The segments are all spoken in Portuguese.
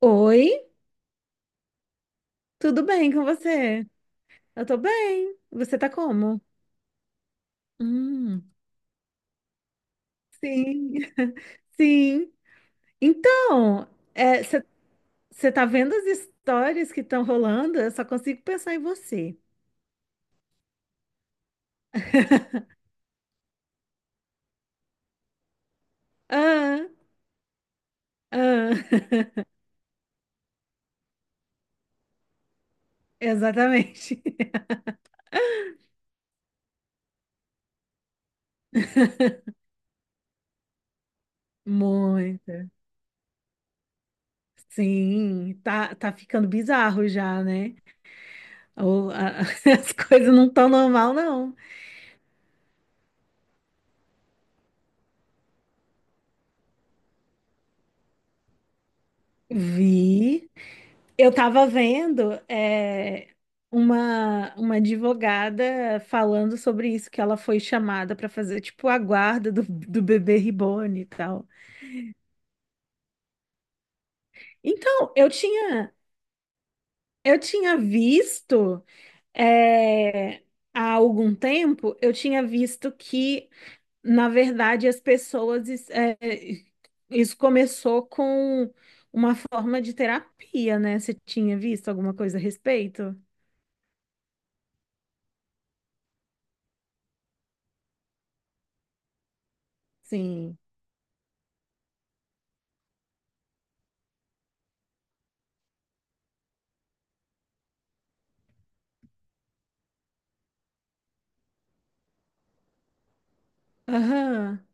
Oi, tudo bem com você? Eu tô bem. Você tá como? Hum, sim, sim. Então, você tá vendo as histórias que estão rolando? Eu só consigo pensar em você. Ah, ah, exatamente. Muito. Sim, tá ficando bizarro já, né? Ou, as coisas não estão normal, não. Vi. Eu estava vendo uma advogada falando sobre isso, que ela foi chamada para fazer tipo a guarda do bebê reborn e tal. Então, eu tinha visto é, há algum tempo, eu tinha visto que, na verdade, as pessoas es- é, isso começou com uma forma de terapia, né? Você tinha visto alguma coisa a respeito? Sim. Aham.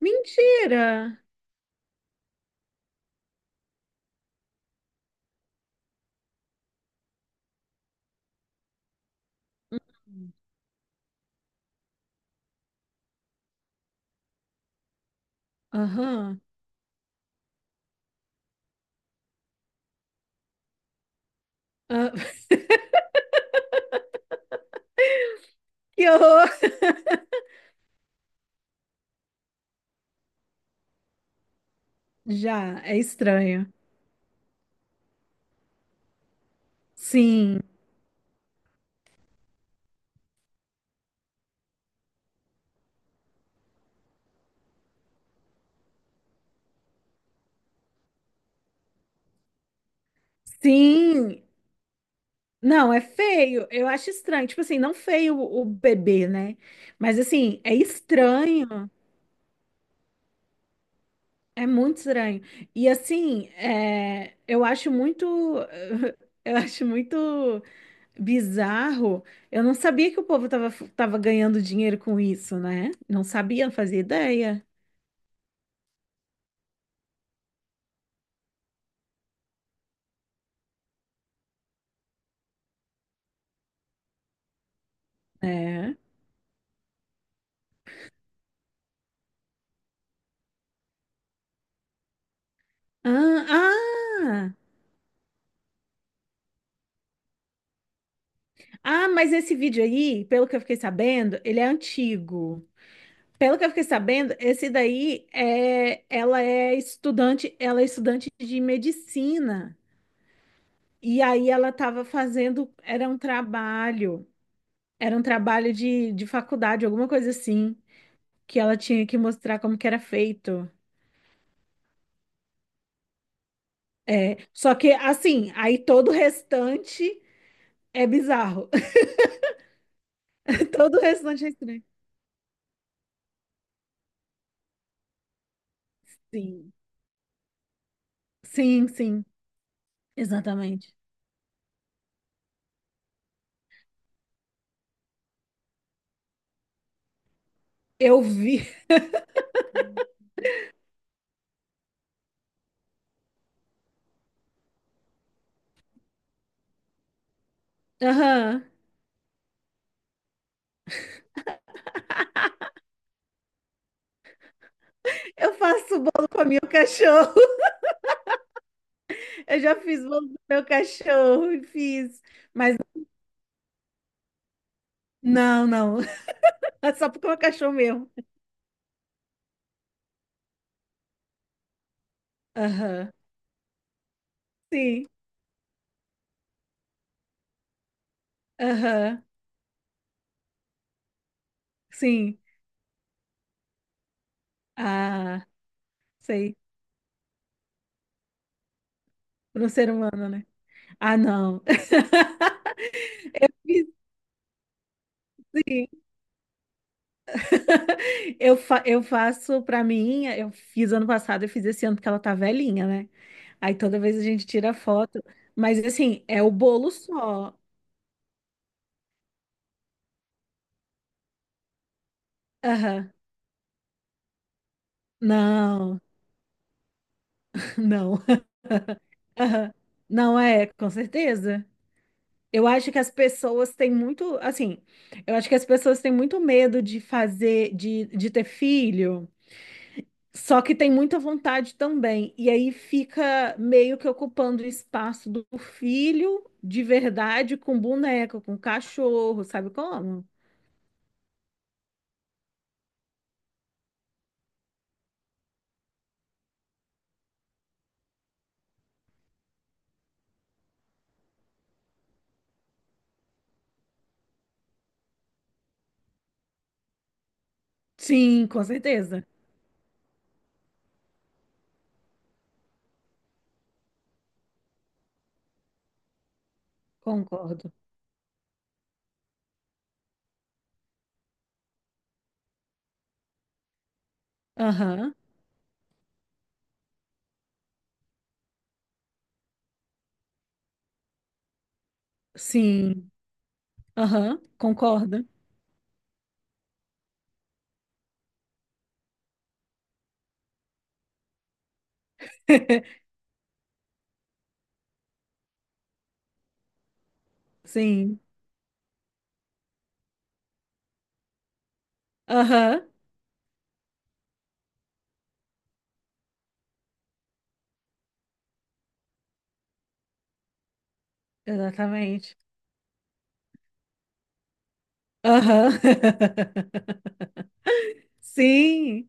Mentira! Aham. Ah, que horror! Já, é estranho. Sim, sim. Não, é feio. Eu acho estranho. Tipo assim, não feio o bebê, né? Mas assim, é estranho. É muito estranho. E assim, é, eu acho muito. Eu acho muito bizarro. Eu não sabia que tava ganhando dinheiro com isso, né? Não sabia, não fazia ideia. É. Ah, ah, mas esse vídeo aí, pelo que eu fiquei sabendo, ele é antigo. Pelo que eu fiquei sabendo, esse daí é, ela é estudante de medicina. E aí ela estava fazendo, era um trabalho de faculdade, alguma coisa assim, que ela tinha que mostrar como que era feito. É, só que assim, aí todo o restante é bizarro. Todo o restante é estranho. Sim, sim, exatamente. Eu vi. Aham. Eu faço bolo com o meu cachorro. Eu já fiz bolo com o meu cachorro. Fiz. Mas não. É só porque é um cachorro meu. Aham. Sim. Aham. Sim. Ah, sei. Para um ser humano, né? Ah, não. Fiz. Sim. Eu faço pra mim. Eu fiz ano passado, eu fiz esse ano porque ela tá velhinha, né? Aí toda vez a gente tira foto. Mas assim, é o bolo só. Aham. Não, não. Aham. Não é, com certeza. Eu acho que as pessoas têm muito, assim, eu acho que as pessoas têm muito medo de fazer, de ter filho, só que tem muita vontade também. E aí fica meio que ocupando o espaço do filho de verdade com boneco, com cachorro, sabe como? Sim, com certeza. Concordo. Aham. Sim. Aham. Concordo. Sim. Aham. Exatamente. Aham. Sim.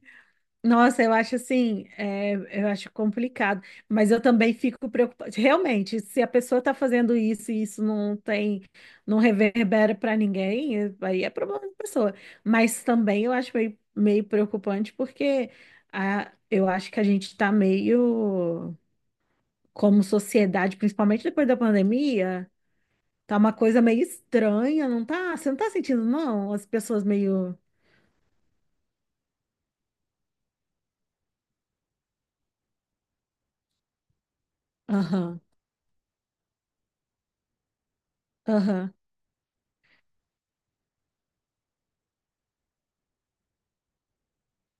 Nossa, eu acho assim, é, eu acho complicado, mas eu também fico preocupada. Realmente, se a pessoa está fazendo isso e não reverbera para ninguém, é- aí é problema da pessoa. Mas também eu acho meio preocupante porque eu acho que a gente está meio, como sociedade, principalmente depois da pandemia, tá uma coisa meio estranha, não tá? Você não tá sentindo, não? As pessoas meio. Aham, aham,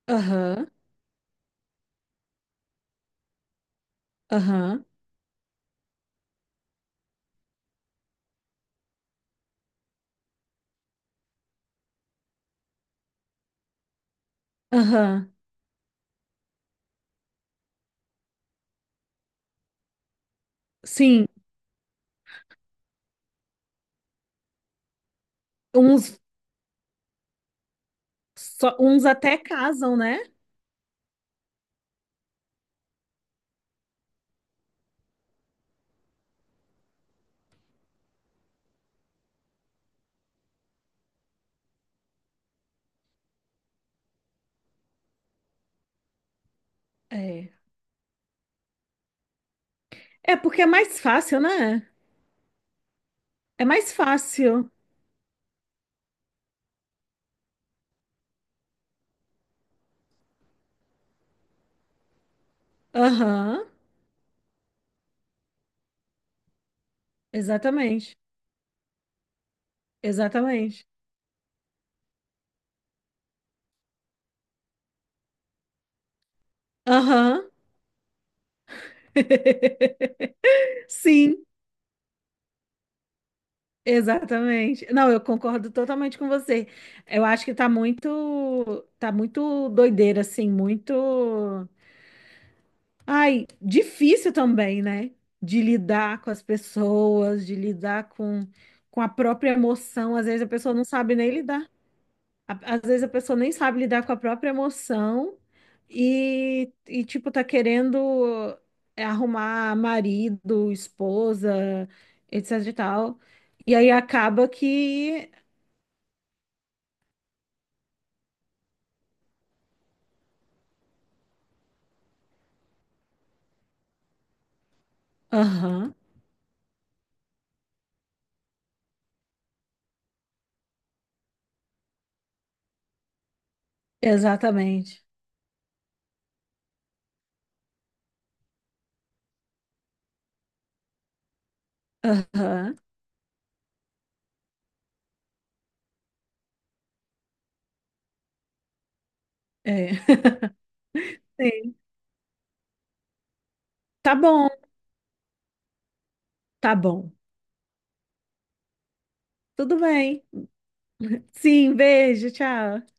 aham, aham, aham. Sim, uns, uns até casam, né? É. É porque é mais fácil, né? É mais fácil. Aham, exatamente, exatamente. Aham. Sim, exatamente. Não, eu concordo totalmente com você. Eu acho que tá muito doideira, assim, muito. Ai, difícil também, né? De lidar com as pessoas, com a própria emoção. Às vezes a pessoa não sabe nem lidar. A- Às vezes a pessoa nem sabe lidar com a própria emoção e tipo, tá querendo arrumar marido, esposa, etc e tal. E aí acaba que. Aham, exatamente. Aham, é. Sim. Tá bom, tá bom. Tudo bem. Sim, beijo, tchau.